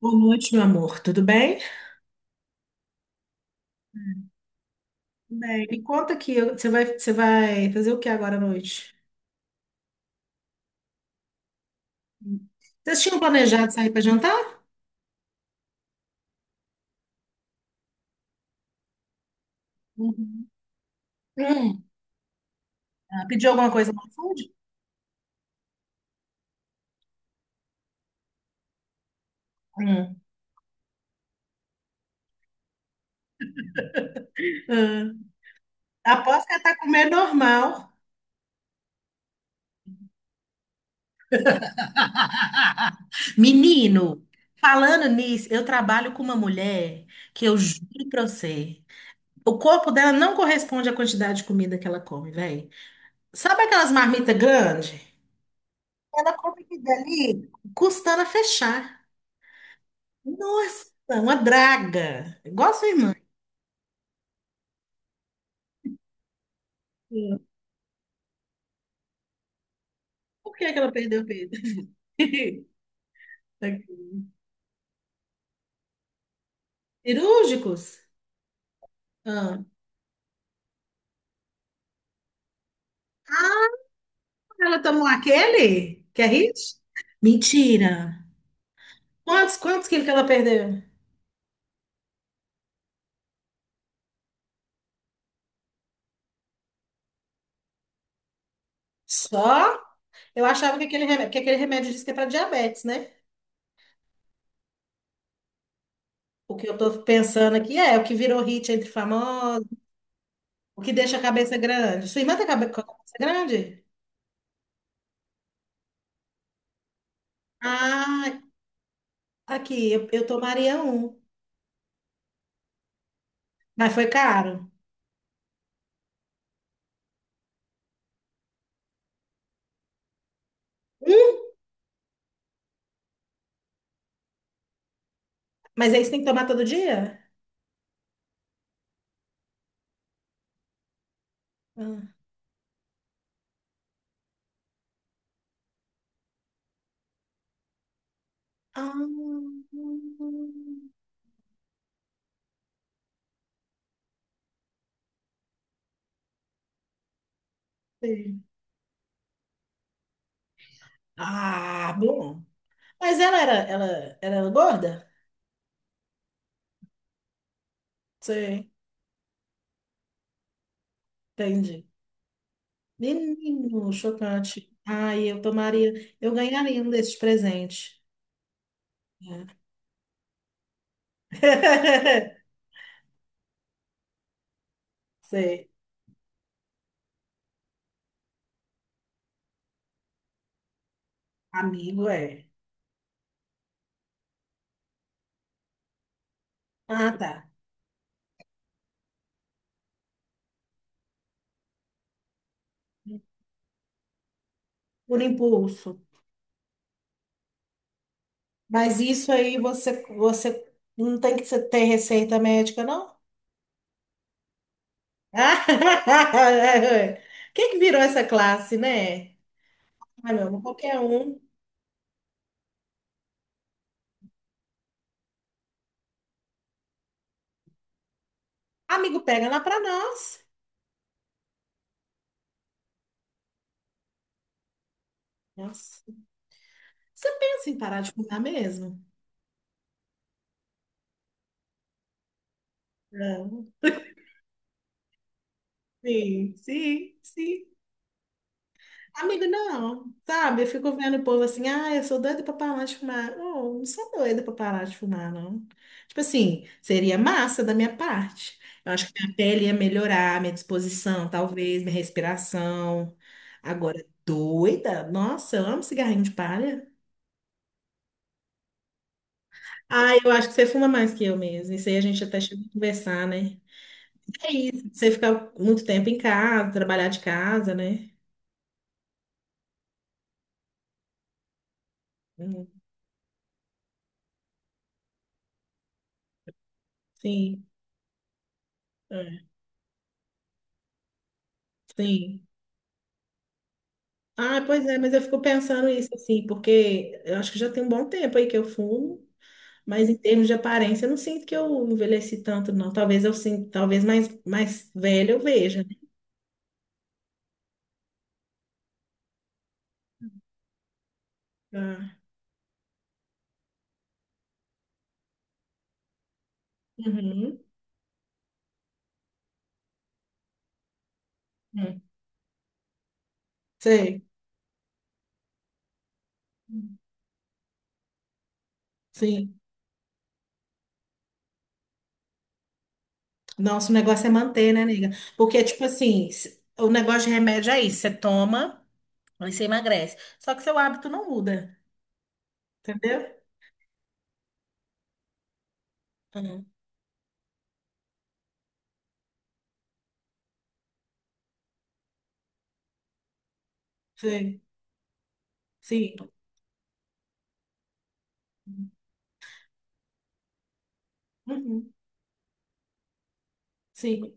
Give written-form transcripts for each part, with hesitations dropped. Boa noite, meu amor. Tudo bem? Hum. Tudo bem, me conta aqui, você vai fazer o que agora à noite? Hum. Vocês tinham planejado sair para jantar? Uhum. Hum. Ah, pediu alguma coisa no iFood? Hum. Ah, aposto que ela tá comendo normal. Menino, falando nisso, eu trabalho com uma mulher que eu juro pra você, o corpo dela não corresponde à quantidade de comida que ela come, velho. Sabe aquelas marmitas grandes? Cada comida ali custando a fechar. Nossa, uma draga. Igual a sua irmã. Sim. Por que que ela perdeu peso? Cirúrgicos? Ah, ah, ela tomou aquele? Que é hit? Mentira. Quantos quilos que ela perdeu? Só? Eu achava que aquele remédio, diz que é para diabetes, né? O que eu tô pensando aqui é o que virou hit entre famosos, o que deixa a cabeça grande. Sua irmã tá com a cabeça grande? Ah, aqui, eu tomaria um, mas foi caro. Um. Mas aí você tem que tomar todo dia? Ah, sei. Ah, bom. Mas ela, era gorda? Sim, entendi. Menino, chocante. Ai, eu tomaria, eu ganharia um desses presentes. É. Sei, amigo é. Ah, tá. Por impulso. Mas isso aí você, não tem que ter receita médica, não? Quem que virou essa classe, né? Ah, meu amor, qualquer um. Amigo, pega lá pra nós. Nossa. Você pensa em parar de fumar mesmo? Não. Sim, sim, sim. Amigo, não, sabe? Eu fico vendo o povo assim, ah, eu sou doida pra parar de fumar. Oh, não sou doida pra parar de fumar, não. Tipo assim, seria massa da minha parte. Eu acho que minha pele ia melhorar, minha disposição, talvez, minha respiração. Agora, doida? Nossa, eu amo cigarrinho de palha. Ah, eu acho que você fuma mais que eu mesmo. Isso aí a gente até chegou a conversar, né? É isso, você ficar muito tempo em casa, trabalhar de casa, né? Hum, sim, é, sim. Ah, pois é, mas eu fico pensando isso assim, porque eu acho que já tem um bom tempo aí que eu fumo, mas em termos de aparência, eu não sinto que eu envelheci tanto, não. Talvez eu sinta, talvez mais, mais velha eu veja, né? Ah, uhum, hum, sei. Sim. Nossa, o negócio é manter, né, nega? Porque, tipo assim, o negócio de remédio é isso, você toma, aí você emagrece. Só que seu hábito não muda, entendeu? Hum, Sei. Sim. Uhum, sim.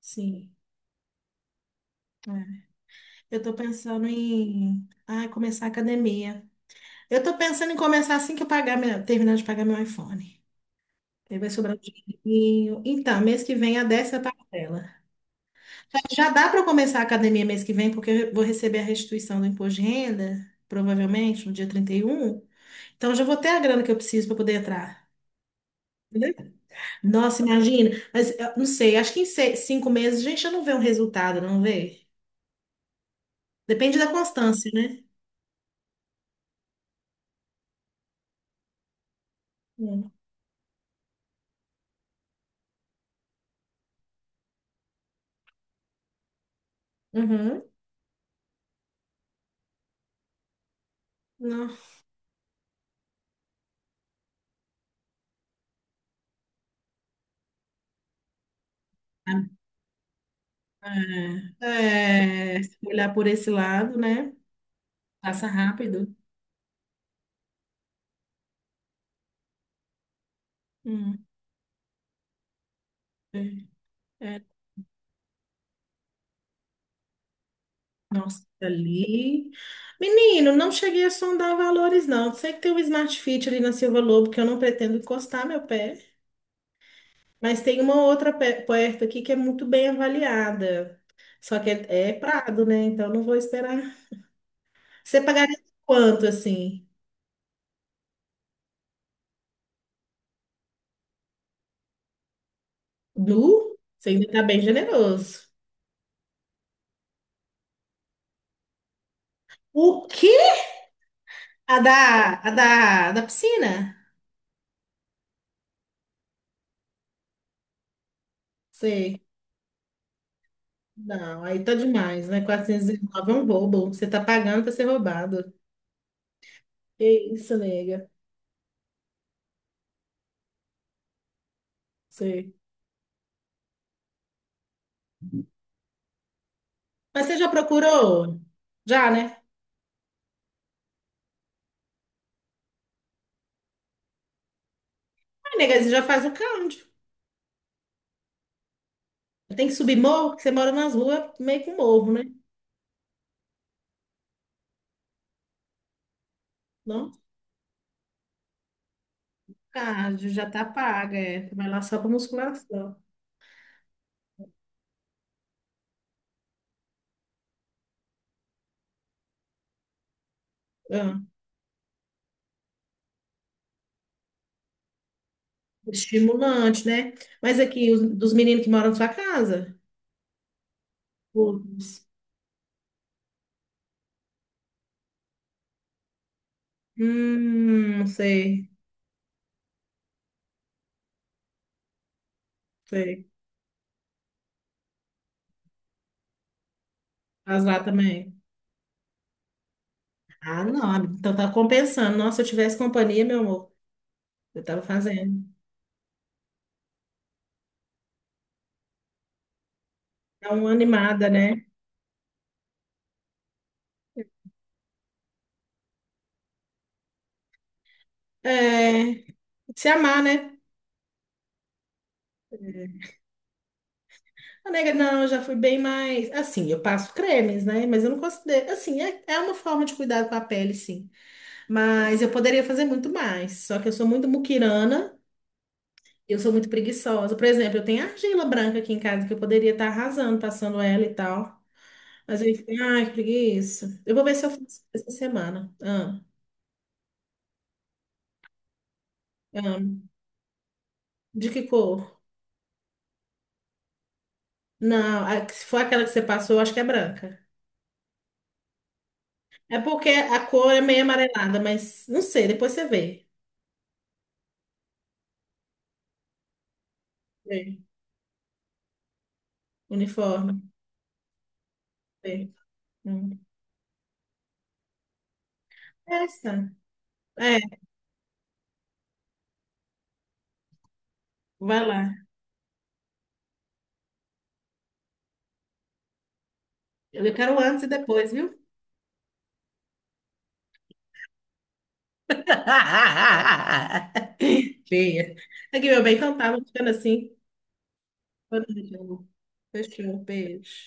Sim. É. Eu tô pensando em, ah, começar a academia. Eu tô pensando em começar assim que eu pagar meu, terminar de pagar meu iPhone. Aí vai sobrar um dinheirinho. Então, mês que vem a décima parcela. Já dá para começar a academia mês que vem, porque eu vou receber a restituição do imposto de renda, provavelmente no dia 31. Então, eu já vou ter a grana que eu preciso para poder entrar. Entendeu? Nossa, imagina. Mas eu não sei, acho que em 5 meses a gente já não vê um resultado, não vê? Depende da constância, né? Hum. Uhum. Não. É, é, se olhar por esse lado, né? Passa rápido. Hum, é, é, nossa, ali. Menino, não cheguei a sondar valores, não. Sei que tem um Smart Fit ali na Silva Lobo, que eu não pretendo encostar meu pé. Mas tem uma outra perto aqui que é muito bem avaliada. Só que é, é Prado, né? Então não vou esperar. Você pagaria quanto, assim? Du? Você ainda tá bem generoso. O quê? A da, da piscina? Sei. Não, aí tá demais, né? 409 é um roubo. Você tá pagando pra ser roubado. Que isso, nega. Sei. Mas você já procurou? Já, né? Ai, nega, você já faz o cardio. Tem que subir morro, porque você mora nas ruas, meio com morro, né? Não, cardio, já tá paga, é. Vai lá só pra musculação. Ah, estimulante, né? Mas aqui, os, dos meninos que moram na sua casa? Todos. Sei, sei. Faz lá também. Ah, não. Ah, então tá compensando. Nossa, se eu tivesse companhia, meu amor, eu tava fazendo. Dá uma animada, né? É, se amar, né? A nega, não, eu já fui bem mais. Assim, eu passo cremes, né? Mas eu não considero. Assim, é, é uma forma de cuidado com a pele, sim. Mas eu poderia fazer muito mais. Só que eu sou muito muquirana e eu sou muito preguiçosa. Por exemplo, eu tenho argila branca aqui em casa que eu poderia estar arrasando, passando ela e tal. Mas eu fico, ai, que preguiça. Eu vou ver se eu faço essa semana. Ah, ah. De que cor? Não, se for aquela que você passou, eu acho que é branca. É porque a cor é meio amarelada, mas não sei, depois você vê. Vê. Uniforme. Vê. Hum. É essa. É, vai lá. Eu quero um antes e depois, viu? Feia. Aqui, meu bem, então tá, vou ficando assim. Boa noite, amor. Fechou, beijo.